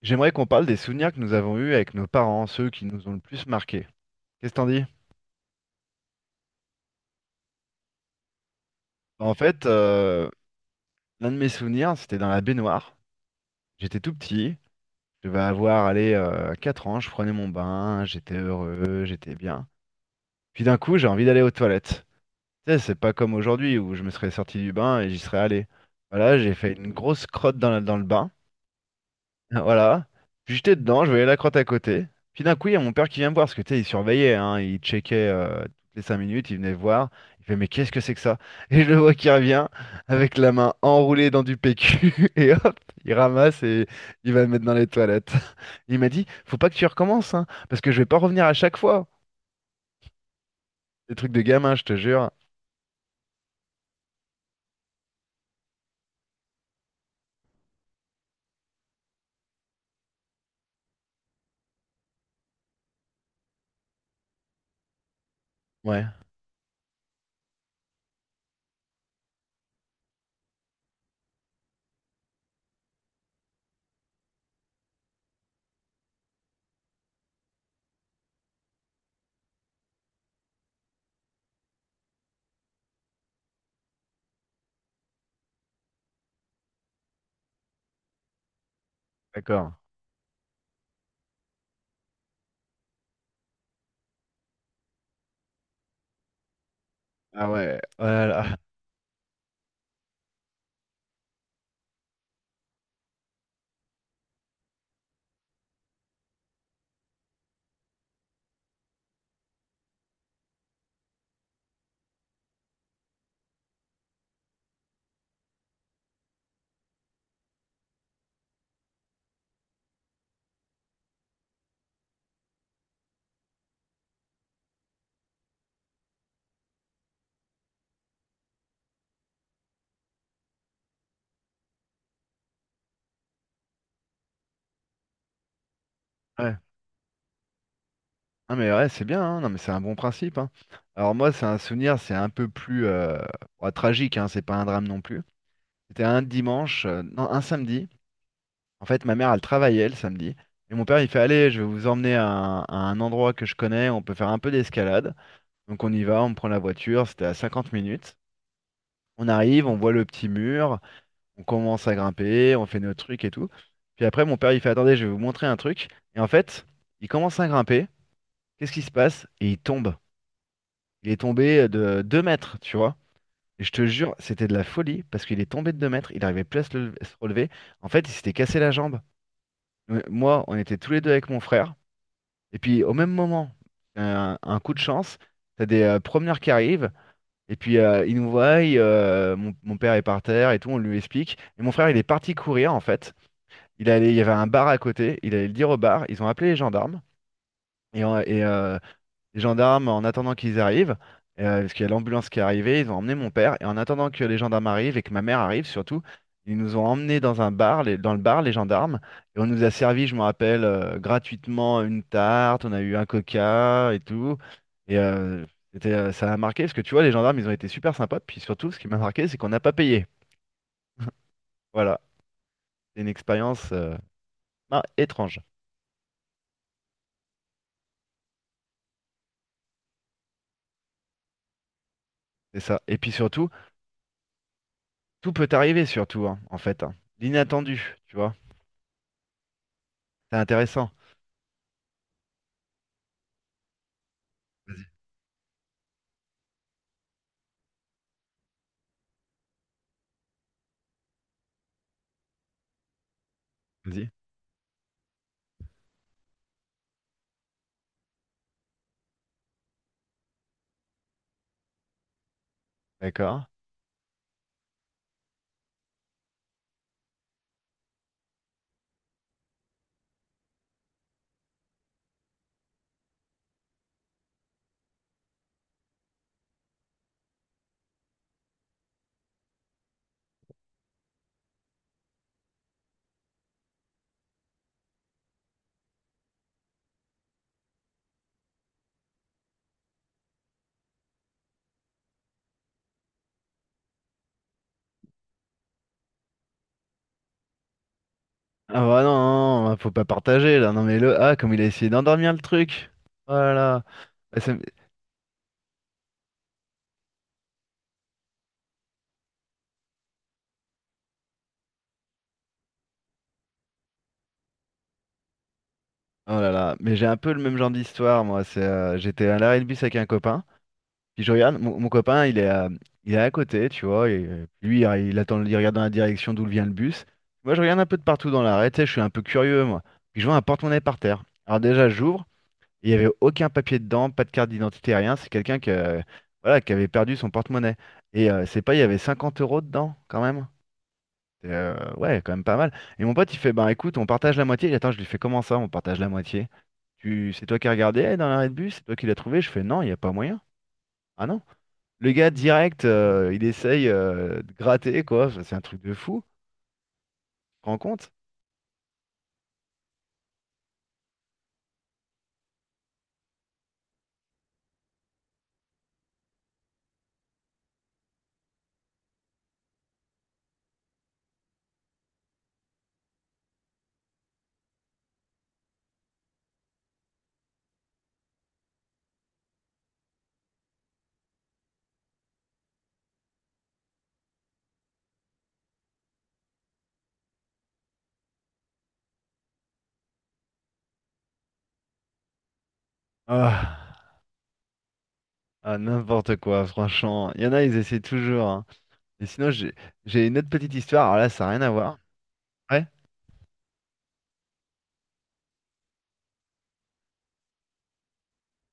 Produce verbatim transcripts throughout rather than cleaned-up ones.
J'aimerais qu'on parle des souvenirs que nous avons eus avec nos parents, ceux qui nous ont le plus marqués. Qu'est-ce que t'en dis? Bah, En fait, euh, L'un de mes souvenirs, c'était dans la baignoire. J'étais tout petit, je devais avoir allez, euh, 4 ans, je prenais mon bain, j'étais heureux, j'étais bien. Puis d'un coup, j'ai envie d'aller aux toilettes. Tu sais, c'est pas comme aujourd'hui où je me serais sorti du bain et j'y serais allé. Voilà, j'ai fait une grosse crotte dans la- dans le bain. Voilà. Puis j'étais dedans, je voyais la crotte à côté. Puis d'un coup, il y a mon père qui vient me voir, parce que tu sais, il surveillait, hein, il checkait euh, toutes les cinq minutes, il venait voir. Il fait, mais qu'est-ce que c'est que ça? Et je le vois qui revient avec la main enroulée dans du P Q, et hop, il ramasse et il va le mettre dans les toilettes. Il m'a dit, faut pas que tu recommences, hein, parce que je vais pas revenir à chaque fois. Des trucs de gamin, je te jure. Ouais, d'accord. Ah ouais, voilà. Ouais. Non mais ouais, c'est bien, hein. Non mais c'est un bon principe, hein. Alors moi, c'est un souvenir, c'est un peu plus euh, bah, tragique, hein, c'est pas un drame non plus. C'était un dimanche, euh, non, un samedi. En fait, ma mère, elle travaillait le samedi. Et mon père, il fait, allez, je vais vous emmener à un, à un endroit que je connais, on peut faire un peu d'escalade. Donc on y va, on prend la voiture, c'était à 50 minutes. On arrive, on voit le petit mur, on commence à grimper, on fait nos trucs et tout. Puis après, mon père, il fait, attendez, je vais vous montrer un truc. Et en fait, il commence à grimper, qu'est-ce qui se passe? Et il tombe. Il est tombé euh, de deux mètres, tu vois. Et je te jure, c'était de la folie parce qu'il est tombé de deux mètres, il n'arrivait plus à se le- se relever. En fait, il s'était cassé la jambe. Euh, Moi, on était tous les deux avec mon frère. Et puis, au même moment, un, un coup de chance, t'as des euh, promeneurs qui arrivent. Et puis, euh, ils nous voient, euh, mon, mon père est par terre et tout, on lui explique. Et mon frère, il est parti courir, en fait. Il allait, il y avait un bar à côté, il allait le dire au bar. Ils ont appelé les gendarmes. Et, on- et, euh, Les gendarmes, en attendant qu'ils arrivent, euh, parce qu'il y a l'ambulance qui est arrivée, ils ont emmené mon père. Et en attendant que les gendarmes arrivent et que ma mère arrive surtout, ils nous ont emmenés dans un bar, les- dans le bar, les gendarmes. Et on nous a servi, je me rappelle, euh, gratuitement une tarte, on a eu un coca et tout. Et euh, c'était, euh, ça a marqué, parce que tu vois, les gendarmes, ils ont été super sympas. Puis surtout, ce qui m'a marqué, c'est qu'on n'a pas payé. Voilà, c'est une expérience euh, ah, étrange. C'est ça. Et puis surtout, tout peut arriver, surtout, hein, en fait. Hein. L'inattendu, tu vois. C'est intéressant. Vas-y, vas-y. D'accord. Ah bah non, non, non, bah, faut pas partager là. Non mais le ah comme il a essayé d'endormir le truc. Oh là là. Ah, ça me- Oh là là. Mais j'ai un peu le même genre d'histoire moi. C'est euh, j'étais à l'arrêt de bus avec un copain. Puis je regarde mon, mon copain, il est à... il est à côté, tu vois. Et euh, lui, il, il attend, il regarde dans la direction d'où vient le bus. Moi, je regarde un peu de partout dans l'arrêt. Tu sais, je suis un peu curieux moi. Puis je vois un porte-monnaie par terre. Alors déjà, j'ouvre. Il n'y avait aucun papier dedans, pas de carte d'identité, rien. C'est quelqu'un qui, euh, voilà, qui avait perdu son porte-monnaie. Et euh, c'est pas, il y avait cinquante euros dedans, quand même. C'est, euh, ouais, quand même pas mal. Et mon pote, il fait, ben écoute, on partage la moitié. Et attends, je lui fais, comment ça, on partage la moitié? Tu, c'est toi qui as regardé eh, dans l'arrêt de bus? C'est toi qui l'as trouvé? Je fais, non, il n'y a pas moyen. Ah non? Le gars, direct, euh, il essaye euh, de gratter, quoi. Enfin, c'est un truc de fou. Tu te rends compte? Ah, ah, n'importe quoi, franchement. Il y en a, ils essaient toujours. Hein. Et sinon, j'ai j'ai une autre petite histoire. Alors là, ça n'a rien à voir. Ouais?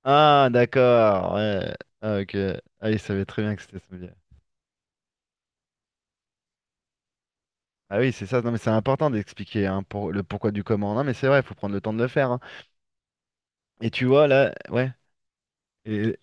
Ah, d'accord. Ouais. Ah, ok. Ah, il savait très bien que c'était Sommelier. Ah oui, c'est ça. Non, mais c'est important d'expliquer hein, pour le pourquoi du comment. Non, mais c'est vrai, il faut prendre le temps de le faire. Hein. Et tu vois, là, ouais. Et...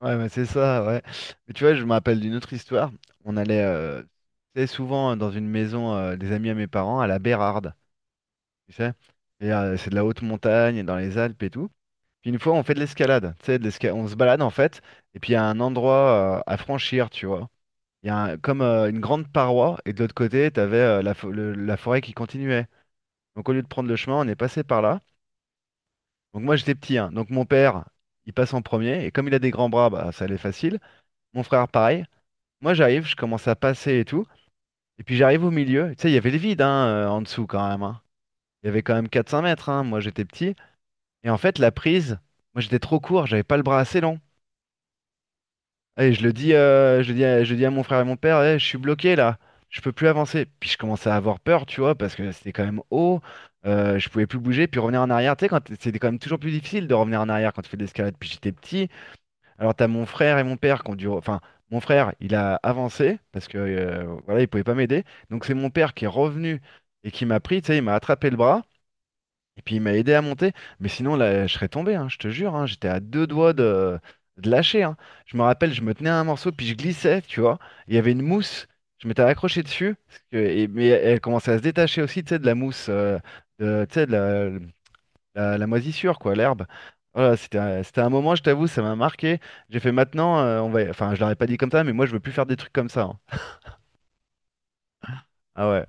Ouais, ouais, c'est ça, ouais. Mais tu vois, je me rappelle d'une autre histoire. On allait euh, tu sais, souvent euh, dans une maison euh, des amis à mes parents, à la Bérarde, tu sais. Et euh, c'est de la haute montagne, dans les Alpes et tout. Puis une fois, on fait de l'escalade, tu sais, de l'esca- on se balade en fait. Et puis il y a un endroit euh, à franchir, tu vois. Il y a un- Comme euh, une grande paroi, et de l'autre côté, tu avais la, fo- le- la forêt qui continuait. Donc au lieu de prendre le chemin, on est passé par là. Donc moi j'étais petit, hein. Donc mon père, il passe en premier, et comme il a des grands bras, bah, ça allait facile. Mon frère, pareil. Moi j'arrive, je commence à passer et tout. Et puis j'arrive au milieu. Tu sais, il y avait le vide hein, euh, en dessous quand même. Hein. Il y avait quand même quatre cinq mètres. Hein. Moi j'étais petit. Et en fait, la prise, moi j'étais trop court, j'avais pas le bras assez long. Et je le dis, euh, je le dis, à- je dis à mon frère et mon père, eh, je suis bloqué là, je peux plus avancer. Puis je commençais à avoir peur, tu vois, parce que c'était quand même haut, euh, je pouvais plus bouger, puis revenir en arrière. Tu sais, quand t- c'était quand même toujours plus difficile de revenir en arrière quand tu fais de l'escalade. Puis j'étais petit. Alors t'as mon frère et mon père qui ont dû, re- enfin, mon frère, il a avancé parce que euh, voilà, il pouvait pas m'aider. Donc c'est mon père qui est revenu et qui m'a pris, tu sais, il m'a attrapé le bras. Et puis il m'a aidé à monter, mais sinon là, je serais tombé, hein, je te jure, hein, j'étais à deux doigts de, de lâcher. Hein. Je me rappelle, je me tenais à un morceau, puis je glissais, tu vois. Il y avait une mousse, je m'étais accroché dessus, parce que- et- mais elle commençait à se détacher aussi, tu sais, de la mousse, euh, de, tu sais, de la, la- la moisissure, quoi, l'herbe. Voilà, c'était, un- c'était un moment, je t'avoue, ça m'a marqué. J'ai fait maintenant, euh, on va, enfin, je l'aurais pas dit comme ça, mais moi, je veux plus faire des trucs comme ça. Hein. Ah ouais,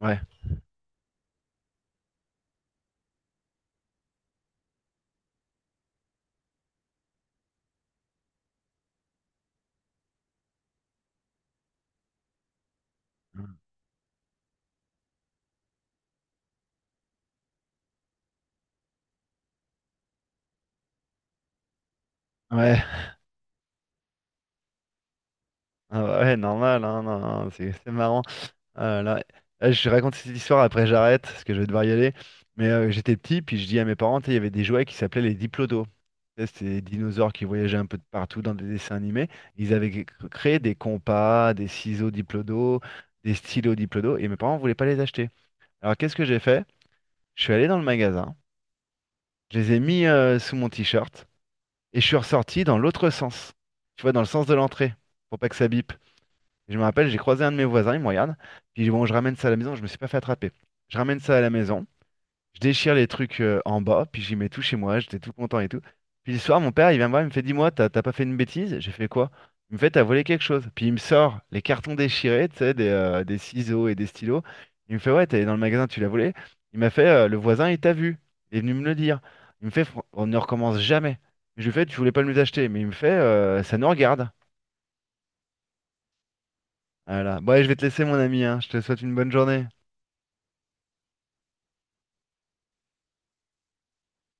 ouais, ouais, ah ouais, normal, hein, non, non, c'est c'est marrant. Ah là là. Ah, je raconte cette histoire, après j'arrête, parce que je vais devoir y aller. Mais euh, j'étais petit, puis je dis à mes parents, tu sais, il y avait des jouets qui s'appelaient les Diplodos. Tu sais, c'était des dinosaures qui voyageaient un peu de partout dans des dessins animés. Ils avaient cré- créé des compas, des ciseaux Diplodos, des stylos Diplodos, et mes parents voulaient pas les acheter. Alors qu'est-ce que j'ai fait? Je suis allé dans le magasin, je les ai mis euh, sous mon t-shirt, et je suis ressorti dans l'autre sens. Tu vois, dans le sens de l'entrée, pour pas que ça bip. Et je me rappelle, j'ai croisé un de mes voisins, il me regarde, puis bon, je ramène ça à la maison, je me suis pas fait attraper. Je ramène ça à la maison, je déchire les trucs euh, en bas, puis j'y mets tout chez moi, j'étais tout content et tout. Puis le soir, mon père, il vient me voir, il me fait, dis-moi, t'as t'as pas fait une bêtise? J'ai fait quoi? Il me fait, t'as volé quelque chose. Puis il me sort les cartons déchirés, tu sais, des, euh, des ciseaux et des stylos. Il me fait, ouais, t'es allé dans le magasin, tu l'as volé. Il m'a fait, euh, le voisin, il t'a vu. Il est venu me le dire. Il me fait, Fran- on ne recommence jamais. Je lui fais, tu voulais pas nous acheter, mais il me fait, euh, ça nous regarde. Voilà. Bon, allez, je vais te laisser, mon ami, hein. Je te souhaite une bonne journée.